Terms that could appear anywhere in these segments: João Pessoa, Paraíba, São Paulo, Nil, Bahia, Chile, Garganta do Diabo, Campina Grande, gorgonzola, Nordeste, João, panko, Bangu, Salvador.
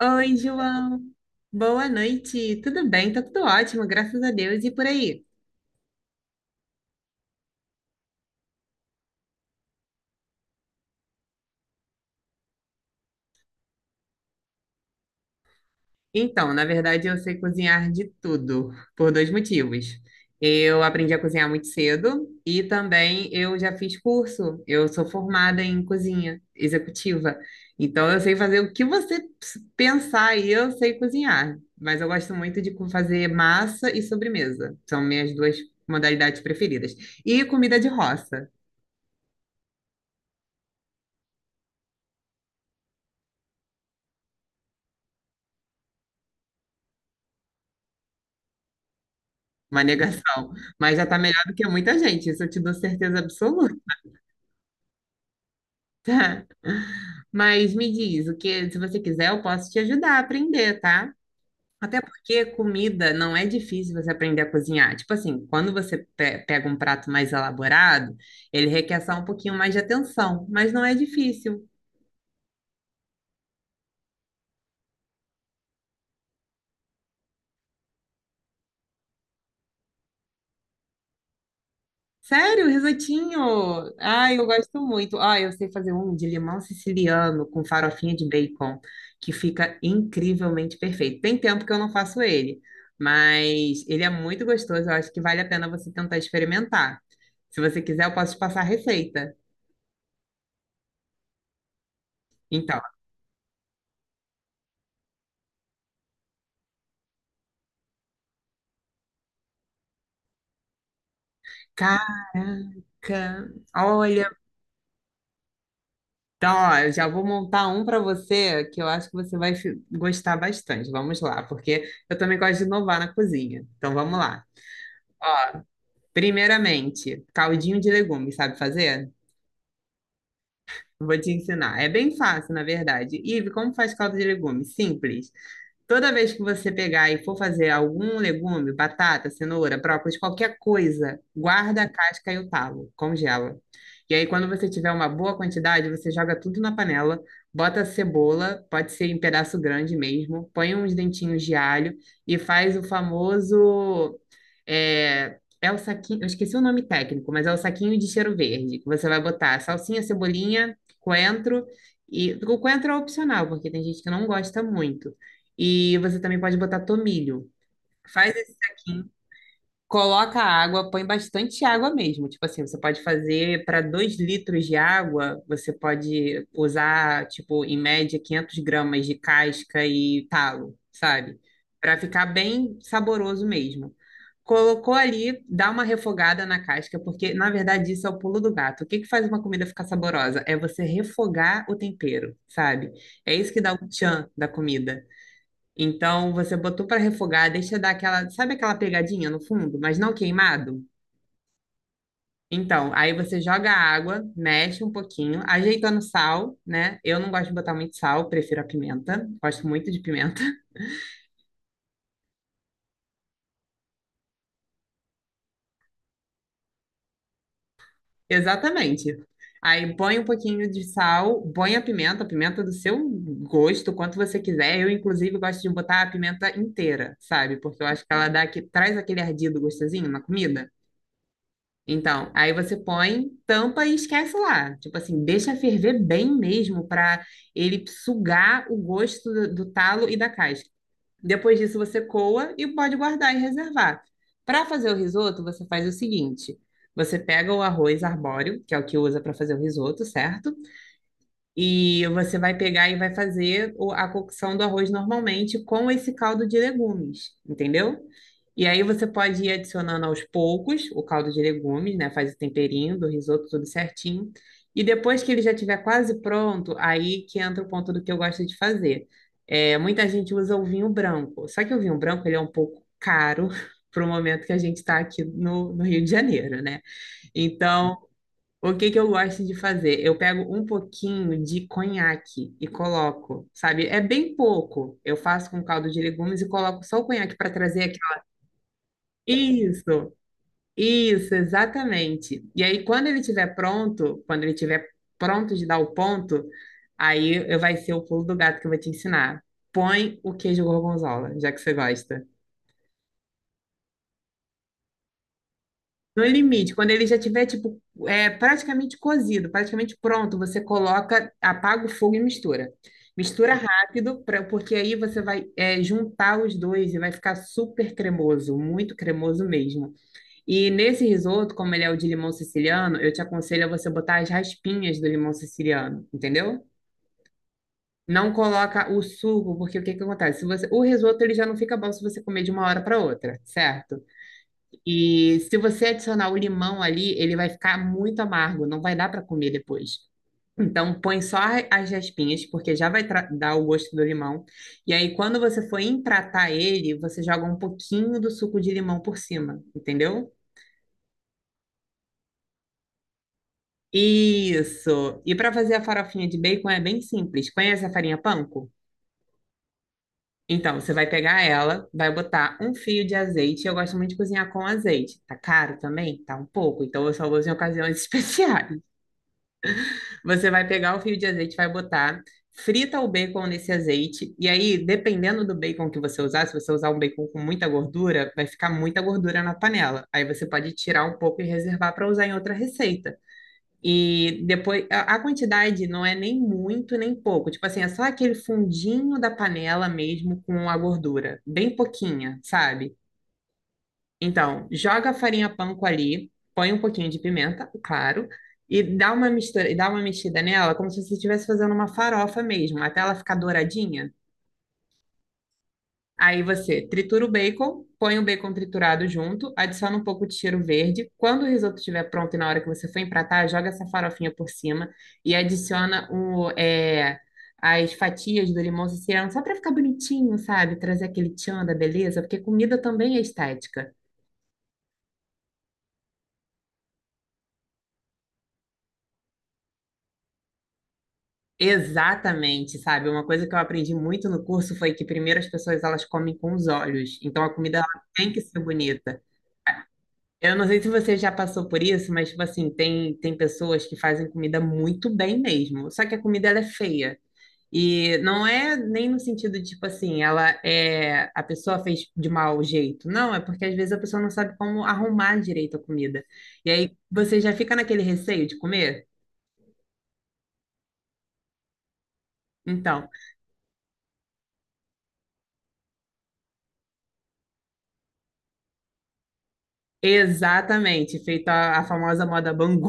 Oi, João. Boa noite. Tudo bem? Tá tudo ótimo, graças a Deus. E por aí? Então, na verdade, eu sei cozinhar de tudo, por dois motivos. Eu aprendi a cozinhar muito cedo e também eu já fiz curso. Eu sou formada em cozinha executiva. Então, eu sei fazer o que você pensar e eu sei cozinhar. Mas eu gosto muito de fazer massa e sobremesa. São minhas duas modalidades preferidas. E comida de roça. Uma negação. Mas já tá melhor do que muita gente, isso eu te dou certeza absoluta. Mas me diz, o que, se você quiser, eu posso te ajudar a aprender, tá? Até porque comida não é difícil você aprender a cozinhar. Tipo assim, quando você pega um prato mais elaborado, ele requer só um pouquinho mais de atenção, mas não é difícil. Sério, risotinho? Ai, eu gosto muito. Ah, eu sei fazer um de limão siciliano com farofinha de bacon, que fica incrivelmente perfeito. Tem tempo que eu não faço ele, mas ele é muito gostoso. Eu acho que vale a pena você tentar experimentar. Se você quiser, eu posso te passar a receita. Então, caraca, olha, então, ó, eu já vou montar um para você que eu acho que você vai gostar bastante. Vamos lá, porque eu também gosto de inovar na cozinha. Então, vamos lá. Primeiramente, caldinho de legumes, sabe fazer? Vou te ensinar. É bem fácil, na verdade. Ive, como faz caldo de legumes? Simples. Toda vez que você pegar e for fazer algum legume, batata, cenoura, brócolis, qualquer coisa, guarda a casca e o talo, congela. E aí, quando você tiver uma boa quantidade, você joga tudo na panela, bota a cebola, pode ser em pedaço grande mesmo, põe uns dentinhos de alho e faz o famoso. É, é o saquinho, eu esqueci o nome técnico, mas é o saquinho de cheiro verde. Que Você vai botar salsinha, cebolinha, coentro. E o coentro é opcional, porque tem gente que não gosta muito. E você também pode botar tomilho. Faz esse saquinho, coloca água, põe bastante água mesmo. Tipo assim, você pode fazer para 2 litros de água, você pode usar, tipo, em média, 500 gramas de casca e talo, sabe? Para ficar bem saboroso mesmo. Colocou ali, dá uma refogada na casca, porque na verdade isso é o pulo do gato. O que que faz uma comida ficar saborosa? É você refogar o tempero, sabe? É isso que dá o tchan da comida. Então, você botou para refogar, deixa dar aquela, sabe aquela pegadinha no fundo, mas não queimado? Então, aí você joga a água, mexe um pouquinho, ajeitando sal, né? Eu não gosto de botar muito sal, prefiro a pimenta, gosto muito de pimenta. Exatamente. Aí põe um pouquinho de sal, põe a pimenta do seu gosto, quanto você quiser. Eu, inclusive, gosto de botar a pimenta inteira, sabe? Porque eu acho que ela dá, que traz aquele ardido gostosinho na comida. Então, aí você põe, tampa e esquece lá. Tipo assim, deixa ferver bem mesmo para ele sugar o gosto do talo e da casca. Depois disso, você coa e pode guardar e reservar. Para fazer o risoto, você faz o seguinte: você pega o arroz arbóreo, que é o que usa para fazer o risoto, certo? E você vai pegar e vai fazer a cocção do arroz normalmente com esse caldo de legumes, entendeu? E aí você pode ir adicionando aos poucos o caldo de legumes, né? Faz o temperinho do risoto tudo certinho. E depois que ele já estiver quase pronto, aí que entra o ponto do que eu gosto de fazer. É, muita gente usa o vinho branco. Só que o vinho branco ele é um pouco caro para o momento que a gente está aqui no Rio de Janeiro, né? Então, o que que eu gosto de fazer? Eu pego um pouquinho de conhaque e coloco, sabe? É bem pouco. Eu faço com caldo de legumes e coloco só o conhaque para trazer aquela. Isso, isso, exatamente. E aí, quando ele estiver pronto, quando ele estiver pronto de dar o ponto, aí eu vai ser o pulo do gato que eu vou te ensinar. Põe o queijo gorgonzola, já que você gosta. No limite, quando ele já tiver tipo é, praticamente cozido, praticamente pronto, você coloca, apaga o fogo e mistura. Mistura rápido, pra, porque aí você vai é, juntar os dois e vai ficar super cremoso, muito cremoso mesmo. E nesse risoto, como ele é o de limão siciliano, eu te aconselho a você botar as raspinhas do limão siciliano, entendeu? Não coloca o suco, porque o que que acontece? Se você, o risoto ele já não fica bom se você comer de uma hora para outra, certo? E se você adicionar o limão ali, ele vai ficar muito amargo, não vai dar para comer depois. Então, põe só as raspinhas, porque já vai dar o gosto do limão. E aí, quando você for empratar ele, você joga um pouquinho do suco de limão por cima, entendeu? Isso! E para fazer a farofinha de bacon é bem simples. Conhece a farinha panko? Então, você vai pegar ela, vai botar um fio de azeite. Eu gosto muito de cozinhar com azeite. Tá caro também? Tá um pouco. Então, eu só uso em ocasiões especiais. Você vai pegar o fio de azeite, vai botar, frita o bacon nesse azeite, e aí, dependendo do bacon que você usar, se você usar um bacon com muita gordura, vai ficar muita gordura na panela. Aí você pode tirar um pouco e reservar para usar em outra receita. E depois, a quantidade não é nem muito nem pouco. Tipo assim, é só aquele fundinho da panela mesmo com a gordura, bem pouquinha, sabe? Então, joga a farinha panko ali, põe um pouquinho de pimenta, claro, e dá uma mistura, e dá uma mexida nela como se você estivesse fazendo uma farofa mesmo, até ela ficar douradinha. Aí você tritura o bacon, põe o bacon triturado junto, adiciona um pouco de cheiro verde. Quando o risoto estiver pronto e na hora que você for empratar, joga essa farofinha por cima e adiciona as fatias do limão siciliano, só para ficar bonitinho, sabe? Trazer aquele tchan da beleza, porque comida também é estética. Exatamente, sabe? Uma coisa que eu aprendi muito no curso foi que primeiro as pessoas elas comem com os olhos, então a comida ela tem que ser bonita. Eu não sei se você já passou por isso, mas tipo assim, tem pessoas que fazem comida muito bem mesmo, só que a comida ela é feia. E não é nem no sentido tipo assim, ela é a pessoa fez de mau jeito. Não, é porque às vezes a pessoa não sabe como arrumar direito a comida. E aí você já fica naquele receio de comer. Então, exatamente, feito a famosa moda Bangu.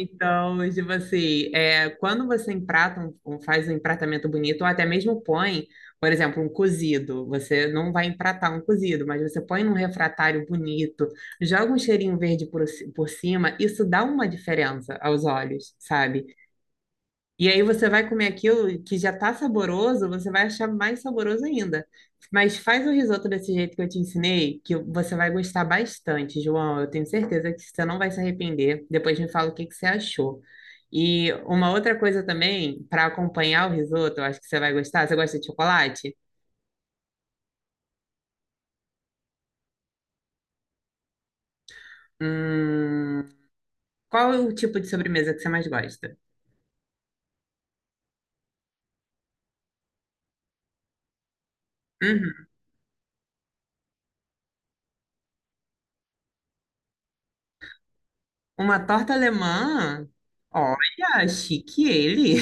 Então, tipo assim, é, quando você emprata, faz um empratamento bonito, ou até mesmo põe, por exemplo, um cozido, você não vai empratar um cozido, mas você põe num refratário bonito, joga um cheirinho verde por, por cima, isso dá uma diferença aos olhos, sabe? E aí você vai comer aquilo que já tá saboroso, você vai achar mais saboroso ainda. Mas faz o risoto desse jeito que eu te ensinei, que você vai gostar bastante, João. Eu tenho certeza que você não vai se arrepender. Depois me fala o que que você achou. E uma outra coisa também, para acompanhar o risoto, eu acho que você vai gostar. Você gosta de chocolate? Hum, qual é o tipo de sobremesa que você mais gosta? Uhum. Uma torta alemã? Olha, chique ele.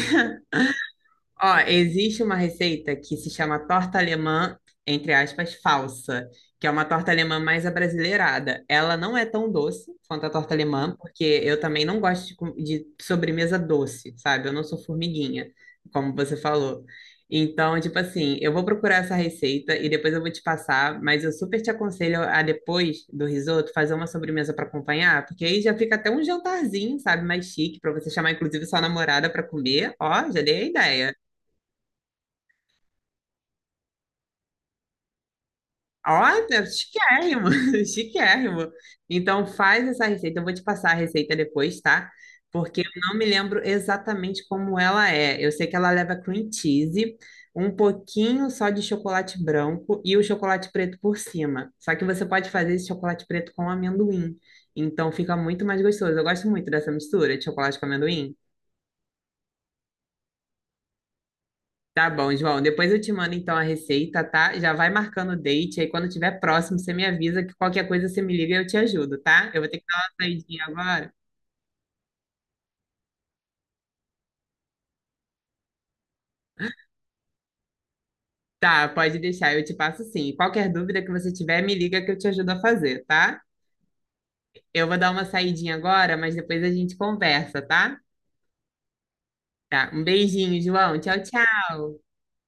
Ó, existe uma receita que se chama torta alemã, entre aspas, falsa, que é uma torta alemã mais abrasileirada. Ela não é tão doce quanto a torta alemã, porque eu também não gosto de, de sobremesa doce, sabe? Eu não sou formiguinha, como você falou. Então, tipo assim, eu vou procurar essa receita e depois eu vou te passar, mas eu super te aconselho a depois do risoto fazer uma sobremesa para acompanhar, porque aí já fica até um jantarzinho, sabe, mais chique, para você chamar inclusive sua namorada para comer. Ó, já dei a ideia. Olha, chiquérrimo, chiquérrimo. Então faz essa receita, eu vou te passar a receita depois, tá? Porque eu não me lembro exatamente como ela é. Eu sei que ela leva cream cheese, um pouquinho só de chocolate branco e o chocolate preto por cima. Só que você pode fazer esse chocolate preto com amendoim. Então fica muito mais gostoso. Eu gosto muito dessa mistura de chocolate com amendoim. Tá bom, João. Depois eu te mando então a receita, tá? Já vai marcando o date. Aí quando tiver próximo, você me avisa que qualquer coisa você me liga e eu te ajudo, tá? Eu vou ter que dar uma saidinha agora. Tá, pode deixar, eu te passo sim. Qualquer dúvida que você tiver, me liga que eu te ajudo a fazer, tá? Eu vou dar uma saidinha agora, mas depois a gente conversa, tá? Tá. Um beijinho, João. Tchau, tchau.